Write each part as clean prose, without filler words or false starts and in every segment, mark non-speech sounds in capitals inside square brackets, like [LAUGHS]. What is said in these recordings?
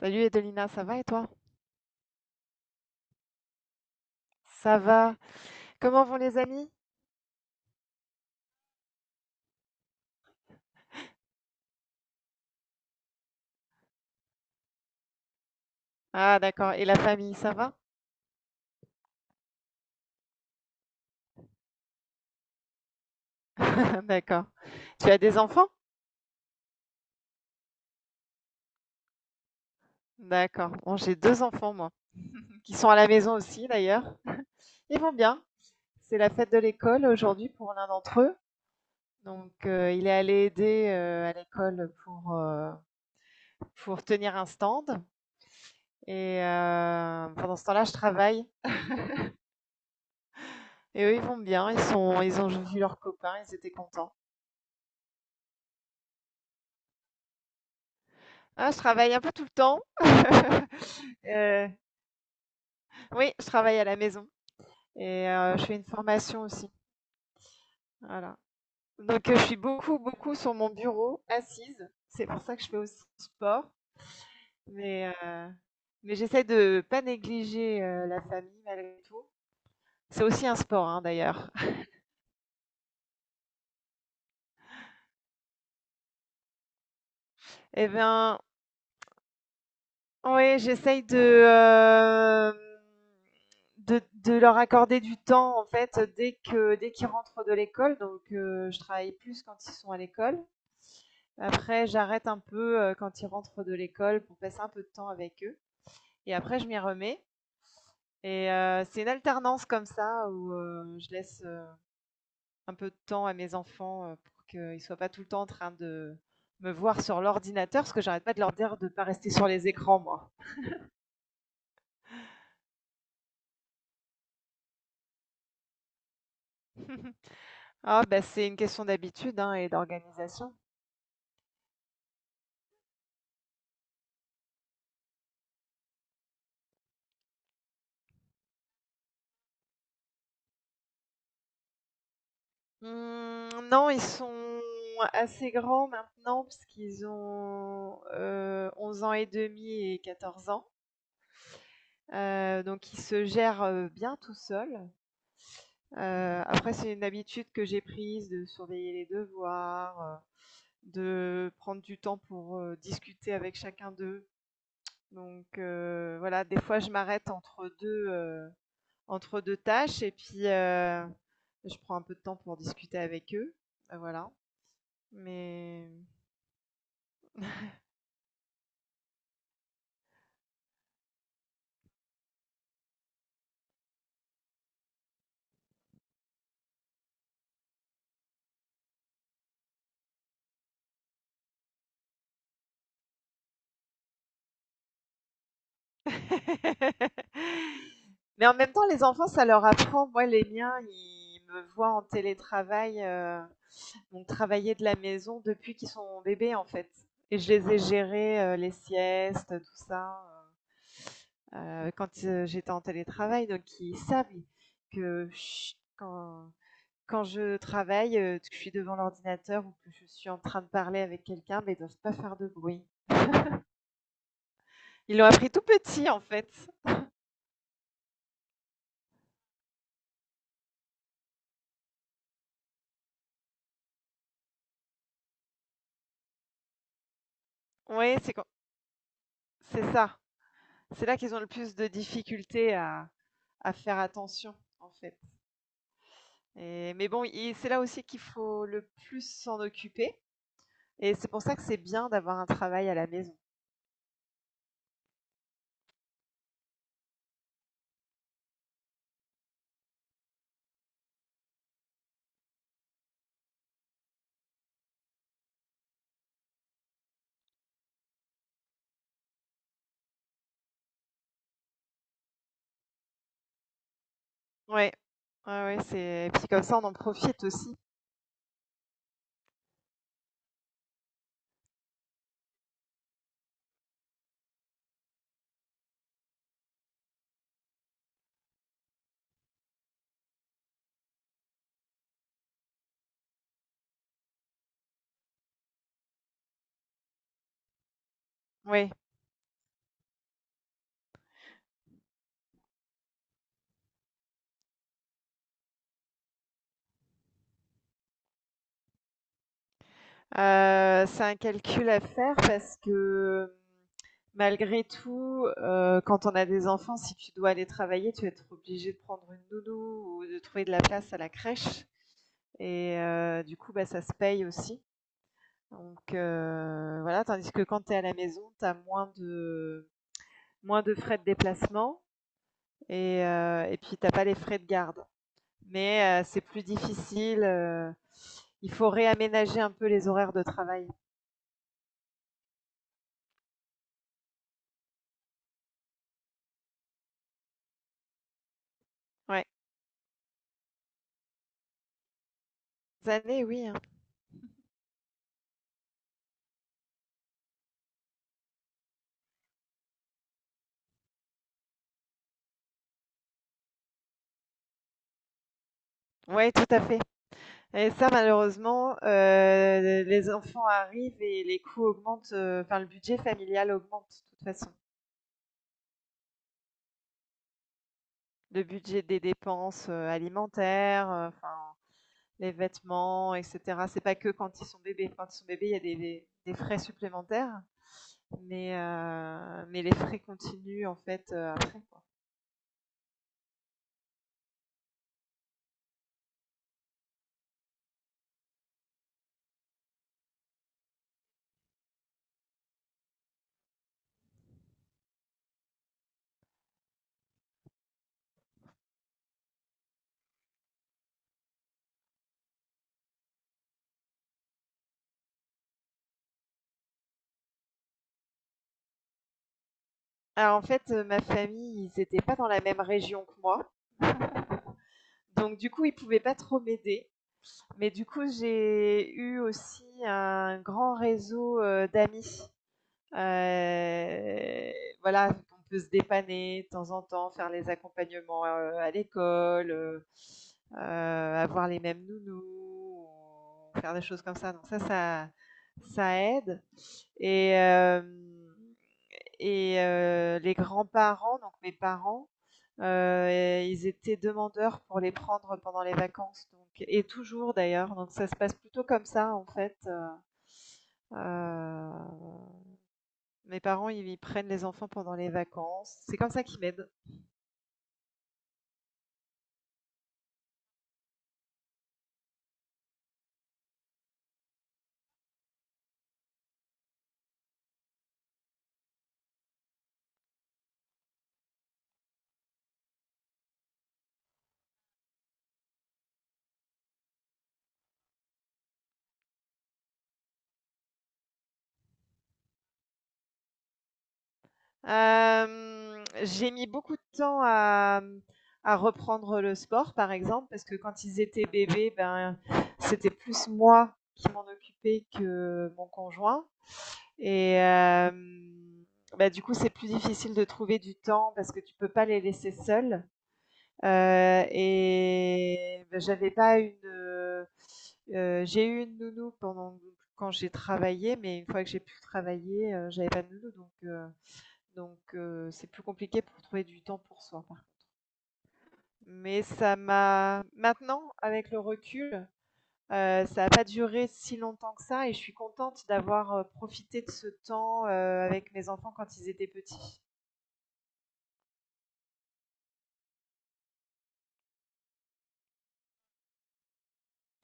Salut Edelina, ça va et toi? Ça va. Comment vont les amis? Ah d'accord. Et la famille, ça va? [LAUGHS] D'accord. Tu as des enfants? D'accord. Bon, j'ai deux enfants, moi, qui sont à la maison aussi d'ailleurs. Ils vont bien. C'est la fête de l'école aujourd'hui pour l'un d'entre eux. Donc, il est allé aider à l'école pour tenir un stand. Et pendant ce temps-là, je travaille. Et eux, ils vont bien. Ils sont, ils ont vu leurs copains. Ils étaient contents. Ah, je travaille un peu tout le temps. [LAUGHS] Euh, Oui, je travaille à la maison et je fais une formation aussi, voilà. Donc je suis beaucoup, beaucoup sur mon bureau, assise. C'est pour ça que je fais aussi du sport, mais heu, mais j'essaie de pas négliger, la famille malgré tout. C'est aussi un sport, hein, d'ailleurs. [LAUGHS] Et ben, oui, j'essaye de, hem, de leur accorder du temps, en fait, dès qu'ils rentrent de l'école, donc je travaille plus quand ils sont à l'école. Après, j'arrête un peu quand ils rentrent de l'école pour passer un peu de temps avec eux. Et après, je m'y remets. Et c'est une alternance comme ça où je laisse un peu de temps à mes enfants pour qu'ils ne soient pas tout le temps en train de me voir sur l'ordinateur, parce que j'arrête pas de leur dire de ne pas rester sur les écrans, moi. [LAUGHS] Ah, bah, c'est une question d'habitude hein, et d'organisation. Non, ils sont assez grands maintenant, puisqu'ils ont 11 ans et demi et 14 ans. Donc il se gère, bien tout seul. Après c'est une habitude que j'ai prise de surveiller les devoirs, de prendre du temps pour, discuter avec chacun d'eux. Donc voilà, des fois je m'arrête entre 2 tâches et puis, je prends un peu de temps pour discuter avec eux, voilà. Mais [LAUGHS] mais en même temps les enfants ça leur apprend. Moi les miens, ils me voient en télétravail. Donc travailler de la maison depuis qu'ils sont bébés en fait. Et je les ai gérés, les siestes, tout ça, quand j'étais en télétravail. Donc ils savent que je- quand, quand je travaille, que je suis devant l'ordinateur ou que je suis en train de parler avec quelqu'un, mais ils ne doivent pas faire de bruit. Ils l'ont appris tout petit en fait. Oui, c'est ça. C'est là qu'ils ont le plus de difficultés à faire attention en fait. Et mais bon, i c'est là aussi qu'il faut le plus s'en occuper et c'est pour ça que c'est bien d'avoir un travail à la maison. Ouais. Ouais, ouais, c'est et puis comme ça, on en profite aussi. Oui, c'est un calcul à faire parce que, malgré tout, quand on a des enfants, si tu dois aller travailler, tu vas être obligé de prendre une nounou ou de trouver de la place à la crèche et du coup, bah, ça se paye aussi. Donc voilà, tandis que quand tu es à la maison, tu as moins de frais de déplacement et puis tu as pas les frais de garde. Mais c'est plus difficile, il faut réaménager un peu les horaires de travail. Ouais. Des années, oui, hein. Ouais, tout à fait et ça malheureusement, les enfants arrivent et les coûts augmentent, enfin le budget familial augmente de toute façon. Le budget des dépenses, alimentaires, enfin les vêtements, etc. C'est pas que quand ils sont bébés. Quand ils sont bébés, il y a des, des frais supplémentaires, mais les frais continuent en fait après, quoi. Alors en fait, ma famille, ils n'étaient pas dans la même région que moi, donc du coup, ils pouvaient pas trop m'aider. Mais du coup, j'ai eu aussi un grand réseau d'amis. Heu, voilà, on peut se dépanner de temps en temps, faire les accompagnements, à l'école, avoir les mêmes nounous ou faire des choses comme ça. Donc ça, ça aide et hem et les grands-parents, donc mes parents, heu, ils étaient demandeurs pour les prendre pendant les vacances, donc et toujours d'ailleurs, donc ça se passe plutôt comme ça en fait. Heu Mes parents, ils prennent les enfants pendant les vacances. C'est comme ça qu'ils m'aident. J'ai mis beaucoup de temps à reprendre le sport, par exemple, parce que quand ils étaient bébés, ben, c'était plus moi qui m'en occupais que mon conjoint et bah, du coup, c'est plus difficile de trouver du temps parce que tu peux pas les laisser seuls. Et bah, j'avais pas une, j'ai eu une nounou pendant quand j'ai travaillé, mais une fois que j'ai pu travailler, j'avais pas de nounou donc c'est plus compliqué pour trouver du temps pour soi, par contre. Mais ça m'a maintenant, avec le recul, ça a pas duré si longtemps que ça et je suis contente d'avoir profité de ce temps, avec mes enfants quand ils étaient petits.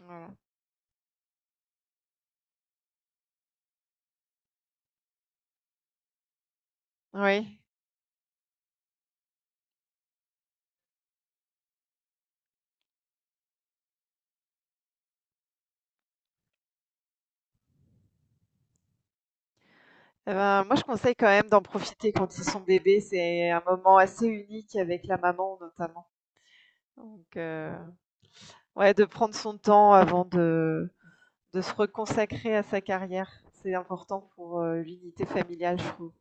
Voilà. Oui. Eh ben, moi, je conseille quand même d'en profiter quand ils sont bébés. C'est un moment assez unique avec la maman, notamment. Donc, ouais, de prendre son temps avant de se reconsacrer à sa carrière. C'est important pour l'unité familiale, je trouve.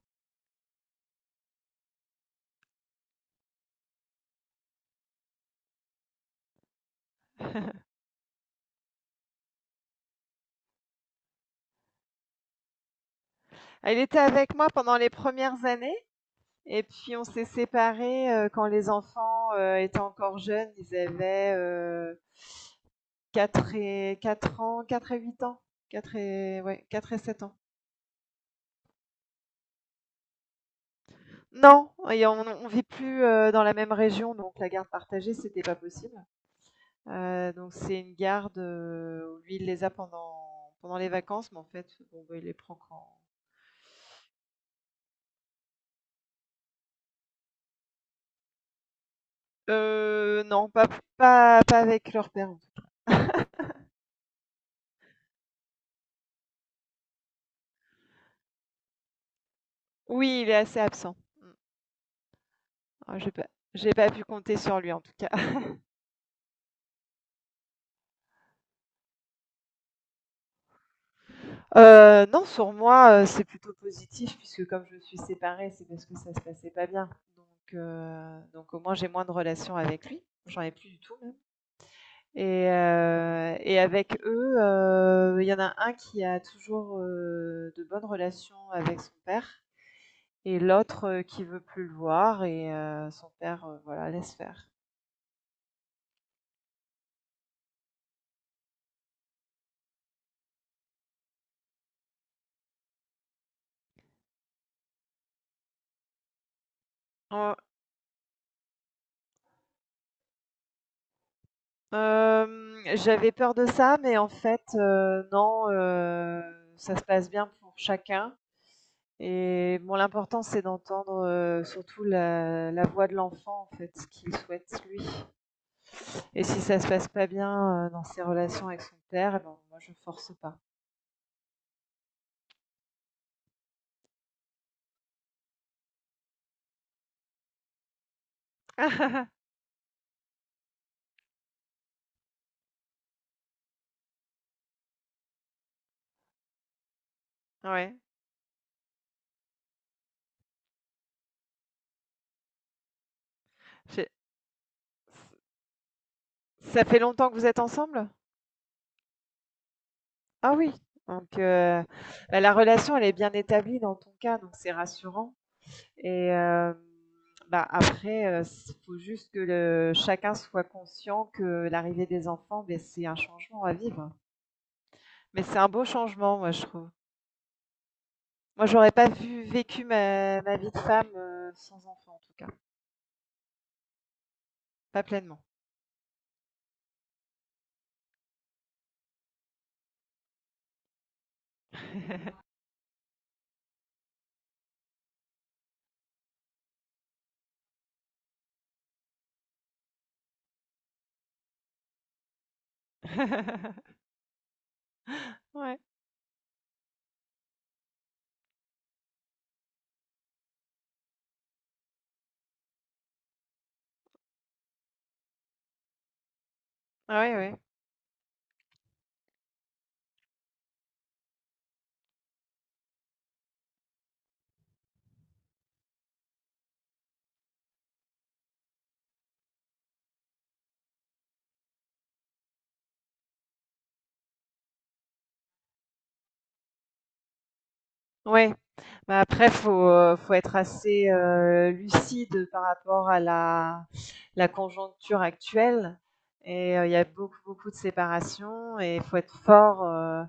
Elle était avec moi pendant les premières années. Et puis, on s'est séparés quand les enfants étaient encore jeunes. Ils avaient 4 et 4 ans, 4 et 8 ans, 4 et, ouais, 4 et 7 ans. Non et on vit plus, dans la même région, donc la garde partagée, c'était pas possible. Donc c'est une garde, où lui, il les a pendant les vacances, mais en fait, bon, bah, il les prend quand. Non, pas avec leur père, en tout cas. Oui, il est assez absent. Mmh. Ah, j'ai pas pu compter sur lui, en tout cas. [LAUGHS] Non, sur moi, c'est plutôt positif puisque comme je suis séparée, c'est parce que ça se passait pas bien, donc donc au moins j'ai moins de relations avec lui. J'en ai plus du tout même. Et avec eux, il y en a un qui a toujours, de bonnes relations avec son père et l'autre, qui veut plus le voir et son père, voilà, laisse faire. Oh, j'avais peur de ça, mais en fait, non, ça se passe bien pour chacun et bon, l'important, c'est d'entendre, surtout la voix de l'enfant, en fait, ce qu'il souhaite lui et si ça se passe pas bien, dans ses relations avec son père, eh ben, moi, je force pas. [LAUGHS] Ouais. J'ai ça fait longtemps que vous êtes ensemble? Ah oui, donc bah, la relation, elle est bien établie dans ton cas, donc c'est rassurant et bah, après, il faut juste que le chacun soit conscient que l'arrivée des enfants, beh, c'est un changement à vivre. Mais c'est un beau changement, moi, je trouve. Moi, j'aurais pas vu vécu ma vie de femme, sans enfant, en tout cas, pas pleinement. [LAUGHS] Ouais. Ouais, ouais. Ouais, bah, après faut être assez, lucide par rapport à la conjoncture actuelle et il y a beaucoup, beaucoup de séparations et faut être fort, heu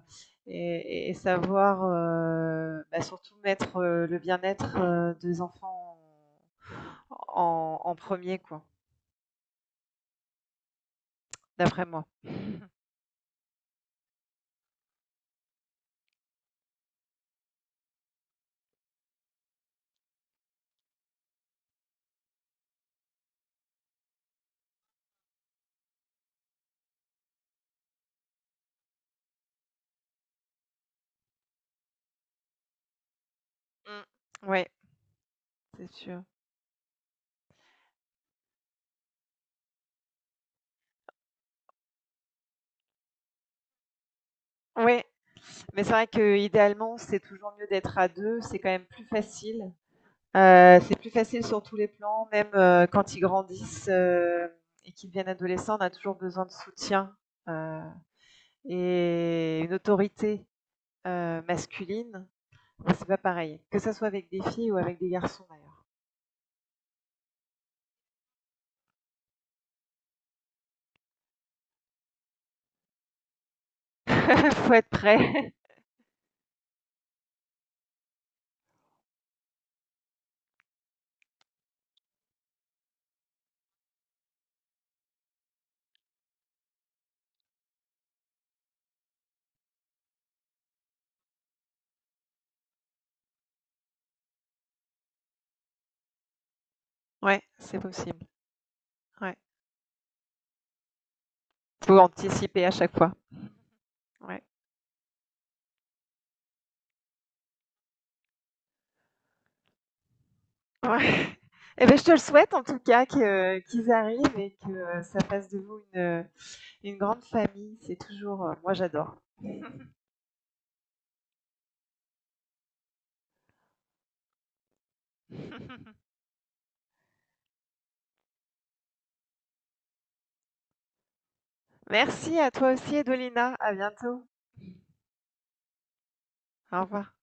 et et savoir, bah, surtout mettre, le bien-être, des enfants en 1 quoi, d'après moi. Mmh. Ouais, c'est sûr. Oui, mais c'est vrai qu'idéalement, c'est toujours mieux d'être à 2, c'est quand même plus facile. C'est plus facile sur tous les plans, même quand ils grandissent et qu'ils deviennent adolescents, on a toujours besoin de soutien euh, et une autorité masculine. Bon, c'est pas pareil, que ça soit avec des filles ou avec des garçons d'ailleurs. [LAUGHS] Faut être prêt. Ouais, c'est possible. Ouais. Faut anticiper à chaque fois. Ouais. Ouais. [LAUGHS] Eh ben, je te le souhaite en tout cas qu'ils arrivent et que ça fasse de vous une, grande famille. C'est toujours, moi j'adore. [LAUGHS] Merci à toi aussi, Edolina. À bientôt. Au revoir.